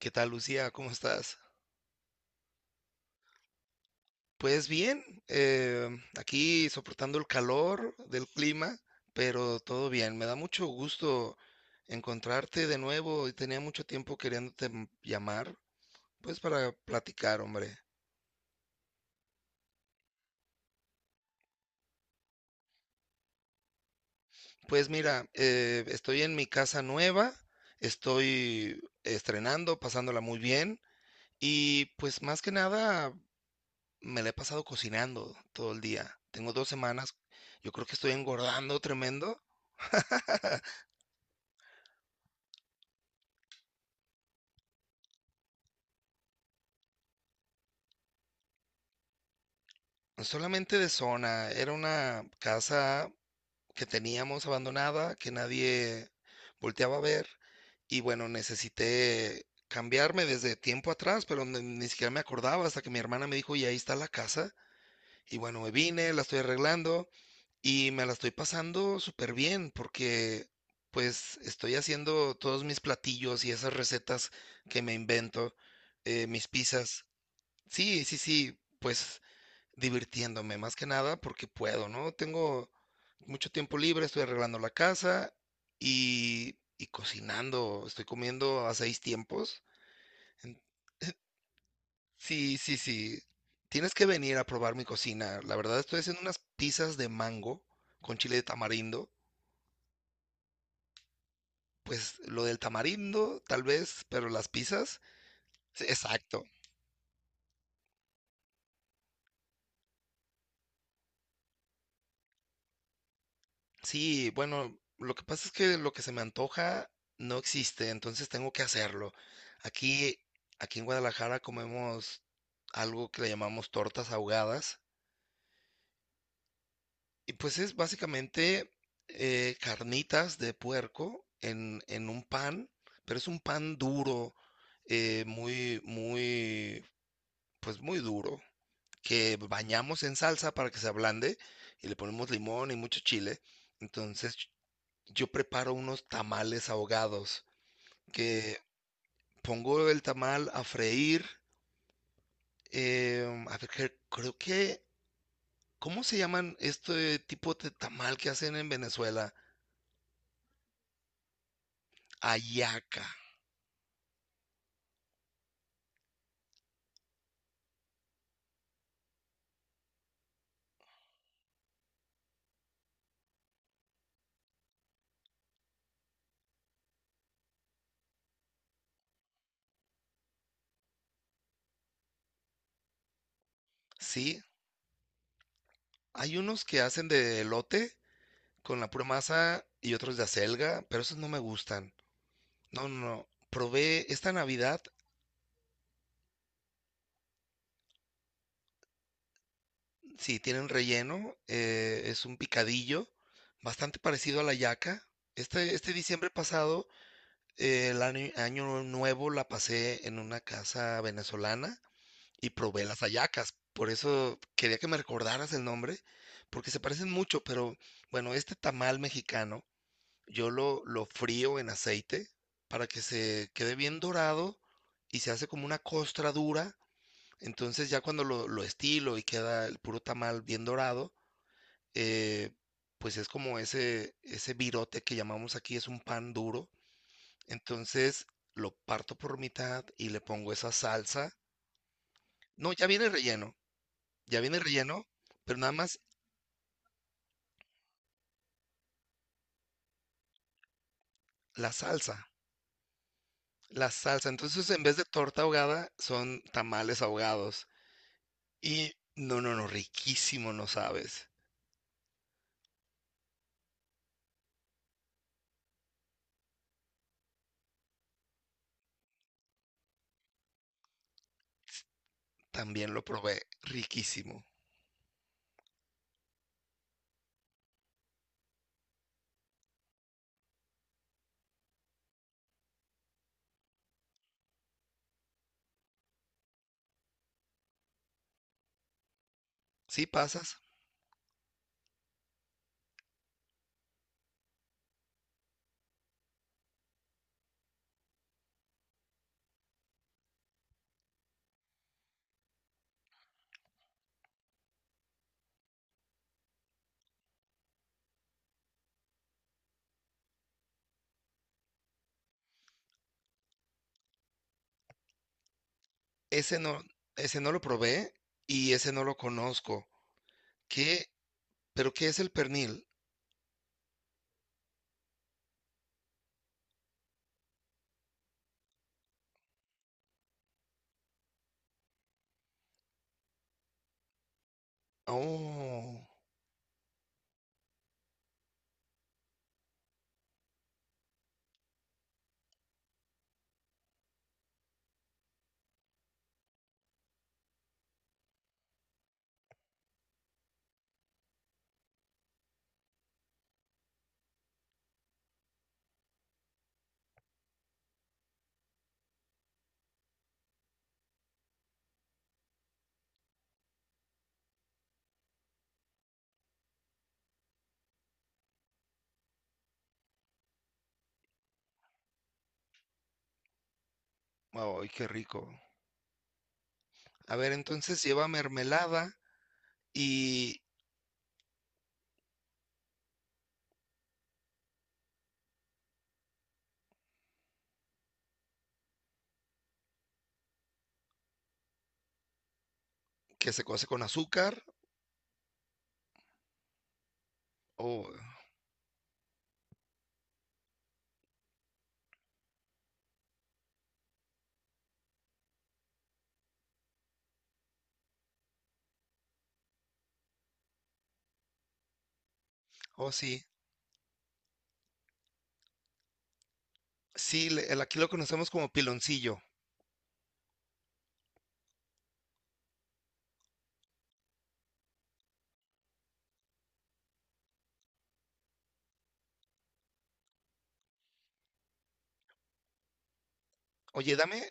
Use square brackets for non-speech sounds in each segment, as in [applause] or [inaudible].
¿Qué tal, Lucía? ¿Cómo estás? Pues bien, aquí soportando el calor del clima, pero todo bien. Me da mucho gusto encontrarte de nuevo y tenía mucho tiempo queriéndote llamar, pues para platicar, hombre. Pues mira, estoy en mi casa nueva, estoy estrenando, pasándola muy bien y pues más que nada me la he pasado cocinando todo el día. Tengo 2 semanas, yo creo que estoy engordando tremendo. Solamente de zona. Era una casa que teníamos abandonada, que nadie volteaba a ver. Y bueno, necesité cambiarme desde tiempo atrás, pero ni siquiera me acordaba hasta que mi hermana me dijo, y ahí está la casa. Y bueno, me vine, la estoy arreglando y me la estoy pasando súper bien porque pues estoy haciendo todos mis platillos y esas recetas que me invento, mis pizzas. Sí, sí, sí, pues divirtiéndome más que nada porque puedo, ¿no? Tengo mucho tiempo libre, estoy arreglando la casa y cocinando, estoy comiendo a seis tiempos. en- [laughs] Sí, sí, sí. Tienes que venir a probar mi cocina. La verdad estoy haciendo unas pizzas de mango con chile de tamarindo. Pues lo del tamarindo, tal vez, pero las pizzas, sí, exacto. Sí, bueno, lo que pasa es que lo que se me antoja no existe, entonces tengo que hacerlo. Aquí, aquí en Guadalajara comemos algo que le llamamos tortas ahogadas, y pues es básicamente carnitas de puerco en un pan, pero es un pan duro, muy, muy, pues muy duro, que bañamos en salsa para que se ablande y le ponemos limón y mucho chile. Entonces yo preparo unos tamales ahogados, que pongo el tamal a freír. A ver, creo que, ¿cómo se llaman este tipo de tamal que hacen en Venezuela? Ayaca, ¿sí? Hay unos que hacen de elote con la pura masa y otros de acelga, pero esos no me gustan. No, no, no. Probé esta Navidad, sí, tienen relleno, es un picadillo, bastante parecido a la yaca. Este diciembre pasado, el año nuevo la pasé en una casa venezolana y probé las hallacas. Por eso quería que me recordaras el nombre, porque se parecen mucho, pero bueno, este tamal mexicano yo lo frío en aceite para que se quede bien dorado y se hace como una costra dura. Entonces ya cuando lo estilo y queda el puro tamal bien dorado, eh, pues es como ese virote que llamamos aquí, es un pan duro. Entonces lo parto por mitad y le pongo esa salsa. No, ya viene el relleno, ya viene el relleno, pero nada más la salsa, la salsa. Entonces en vez de torta ahogada son tamales ahogados. Y no, no, no, riquísimo, no sabes. También lo probé, riquísimo. ¿Sí pasas? Ese no, ese no lo probé y ese no lo conozco. ¿Qué? ¿Pero qué es el pernil? Oh, ay, qué rico. A ver, entonces lleva mermelada, y que se cose con azúcar o o sí. Sí, aquí lo conocemos como piloncillo. Oye, dame,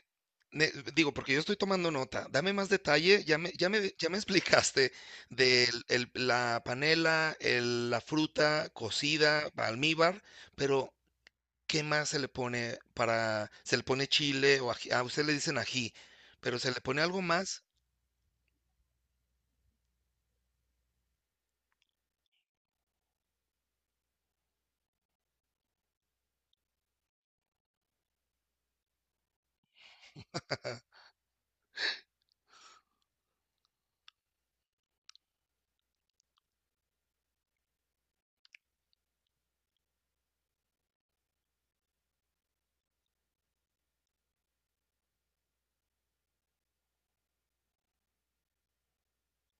digo, porque yo estoy tomando nota, dame más detalle, ya me [laughs] explicaste de la panela, la fruta cocida, almíbar, pero ¿qué más se le pone se le pone chile o ají? A usted le dicen ají, pero ¿se le pone algo más?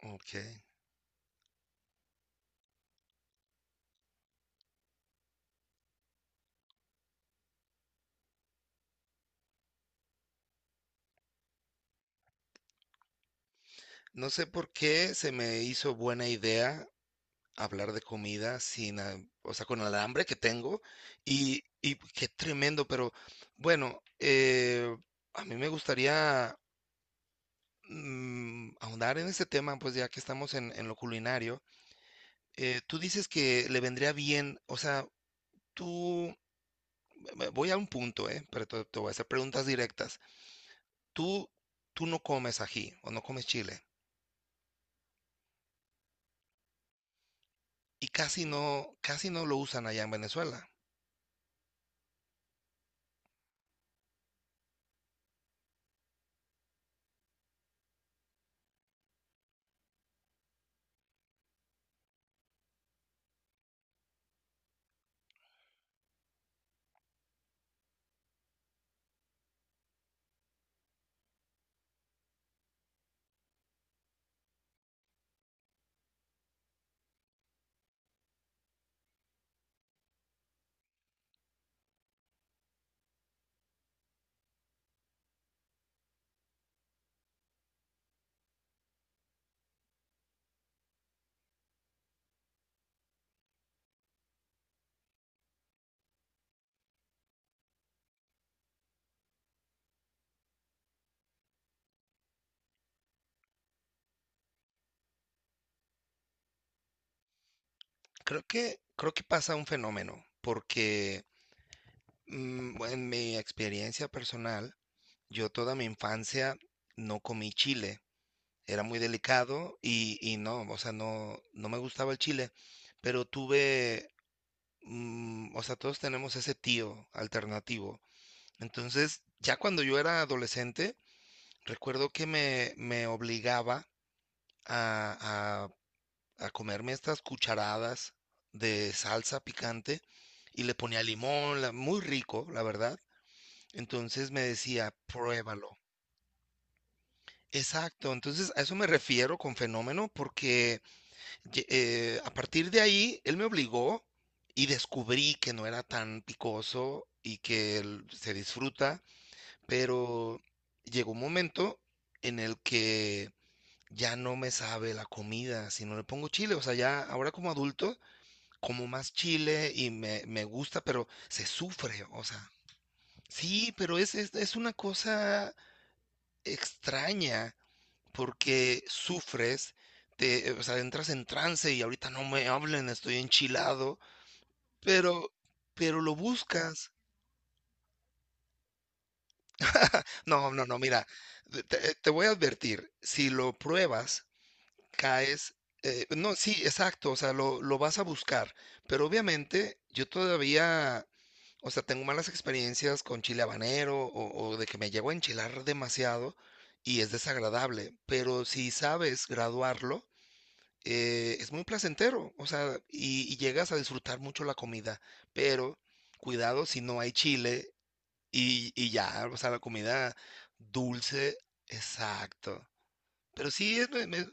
Ok. No sé por qué se me hizo buena idea hablar de comida sin, ah, o sea, con el hambre que tengo y qué tremendo, pero bueno, a mí me gustaría ahondar en ese tema, pues ya que estamos en lo culinario, tú dices que le vendría bien, o sea, tú, voy a un punto, pero te voy a hacer preguntas directas. Tú, tú no comes ají o no comes chile y casi no lo usan allá en Venezuela. Creo que pasa un fenómeno, porque bueno, en mi experiencia personal, yo toda mi infancia no comí chile. Era muy delicado y no, o sea, no, no me gustaba el chile, pero tuve, o sea, todos tenemos ese tío alternativo. Entonces, ya cuando yo era adolescente, recuerdo que me obligaba a, a a comerme estas cucharadas de salsa picante y le ponía limón, muy rico, la verdad. Entonces me decía, pruébalo. Exacto, entonces a eso me refiero con fenómeno porque a partir de ahí él me obligó y descubrí que no era tan picoso y que se disfruta, pero llegó un momento en el que ya no me sabe la comida si no le pongo chile, o sea, ya ahora como adulto como más chile y me gusta, pero se sufre, o sea, sí, pero es una cosa extraña. Porque sufres, o sea, entras en trance y ahorita no me hablen, estoy enchilado, pero, pero lo buscas. No, no, no, mira, te voy a advertir, si lo pruebas, caes, no, sí, exacto, o sea, lo vas a buscar, pero obviamente yo todavía, o sea, tengo malas experiencias con chile habanero o de que me llego a enchilar demasiado y es desagradable, pero si sabes graduarlo, es muy placentero, o sea, y llegas a disfrutar mucho la comida, pero cuidado si no hay chile y ya, o sea, la comida dulce, exacto. Pero sí, es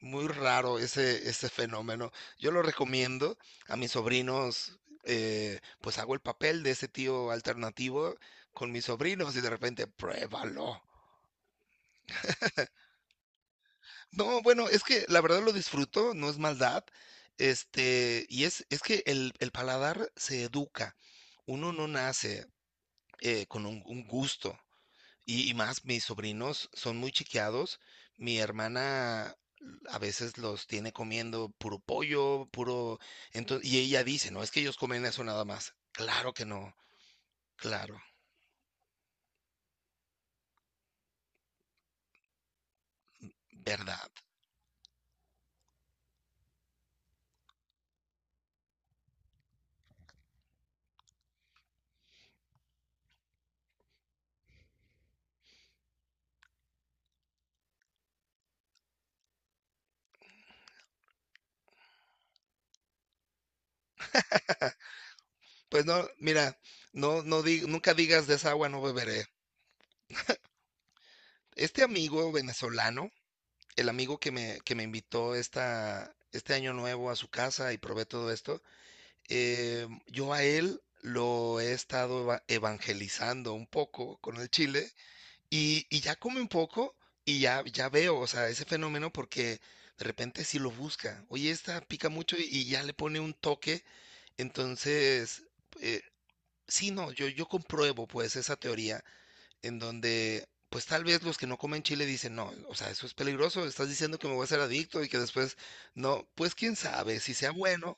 muy raro ese fenómeno. Yo lo recomiendo a mis sobrinos, pues hago el papel de ese tío alternativo con mis sobrinos y de repente, pruébalo. No, bueno, es que la verdad lo disfruto, no es maldad. Este, y es que el paladar se educa. Uno no nace con un gusto. Y más, mis sobrinos son muy chiqueados. Mi hermana a veces los tiene comiendo puro pollo, puro... Entonces, y ella dice, no, es que ellos comen eso nada más. Claro que no, claro, verdad. Pues no, mira, no, nunca digas de esa agua no beberé. Este amigo venezolano, el amigo que me invitó este año nuevo a su casa y probé todo esto, yo a él lo he estado evangelizando un poco con el chile y ya come un poco y ya, ya veo, o sea, ese fenómeno porque de repente si lo busca. Oye, esta pica mucho y ya le pone un toque, entonces, eh, sí, no, yo compruebo pues esa teoría en donde, pues tal vez los que no comen chile dicen, no, o sea, eso es peligroso, estás diciendo que me voy a hacer adicto y que después, no, pues quién sabe si sea bueno.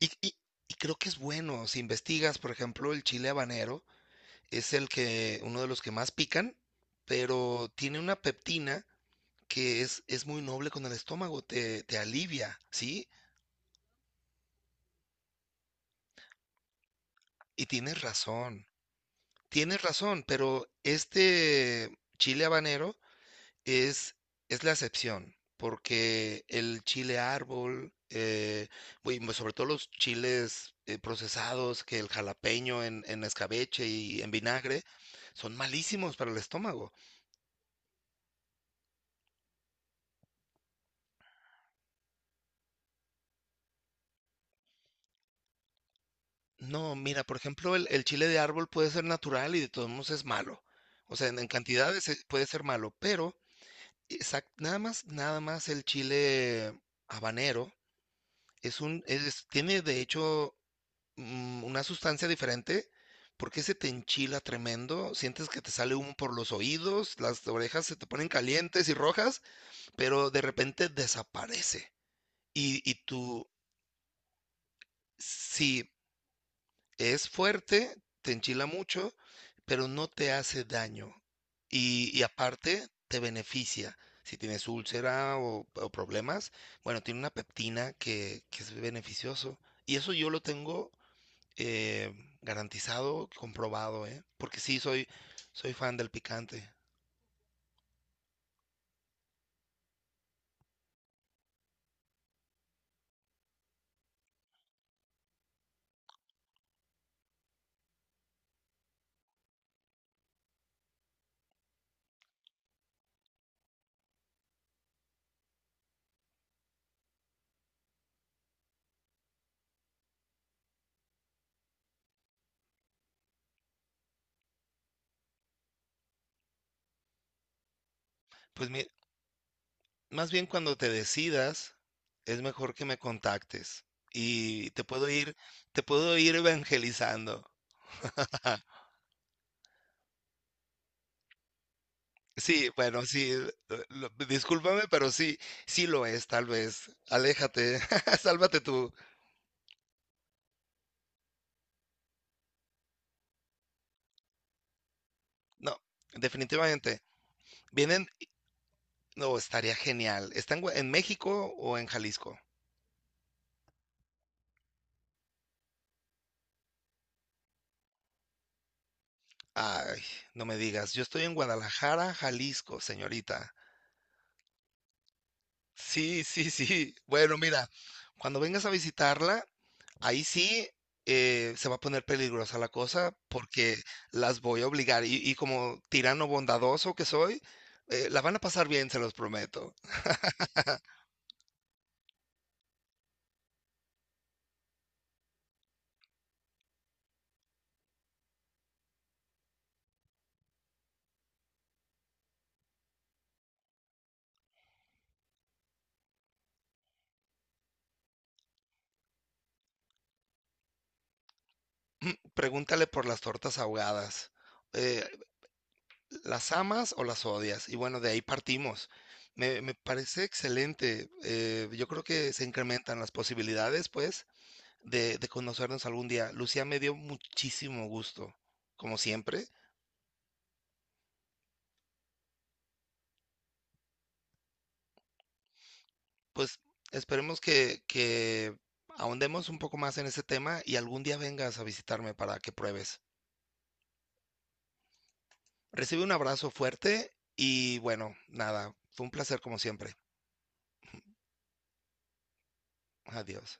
Y, y- y creo que es bueno, si investigas, por ejemplo, el chile habanero es el que, uno de los que más pican, pero tiene una peptina que es muy noble con el estómago, te alivia, ¿sí? Y tienes razón, pero este chile habanero Es, es la excepción, porque el chile árbol, güey, sobre todo los chiles procesados, que el jalapeño en escabeche y en vinagre, son malísimos para el estómago. No, mira, por ejemplo, el chile de árbol puede ser natural y de todos modos es malo. O sea, en cantidades puede ser malo, pero nada más, nada más el chile habanero. Tiene de hecho una sustancia diferente porque se te enchila tremendo, sientes que te sale humo por los oídos, las orejas se te ponen calientes y rojas, pero de repente desaparece. Y tú, si es fuerte, te enchila mucho, pero no te hace daño. Y aparte, te beneficia. Si tienes úlcera o problemas, bueno, tiene una peptina que es beneficioso. Y eso yo lo tengo Eh, garantizado, comprobado, ¿eh? Porque sí, soy fan del picante. Pues más bien cuando te decidas, es mejor que me contactes y te puedo ir evangelizando. Sí, bueno, sí, discúlpame, pero sí, sí lo es, tal vez. Aléjate, [laughs] sálvate tú. No, definitivamente. Vienen, no, estaría genial. ¿Están en México o en Jalisco? Ay, no me digas, yo estoy en Guadalajara, Jalisco, señorita. Sí, sí, sí. Bueno, mira, cuando vengas a visitarla, ahí sí se va a poner peligrosa la cosa porque las voy a obligar. Y como tirano bondadoso que soy, la van a pasar bien, se los prometo. [clears throat] Pregúntale por las tortas ahogadas. Eh, ¿Las amas o las odias? Y bueno, de ahí partimos. Me parece excelente. Yo creo que se incrementan las posibilidades, pues, de conocernos algún día. Lucía, me dio muchísimo gusto, como siempre. Pues esperemos que ahondemos un poco más en ese tema y algún día vengas a visitarme para que pruebes. Recibe un abrazo fuerte y bueno, nada, fue un placer como siempre. Adiós.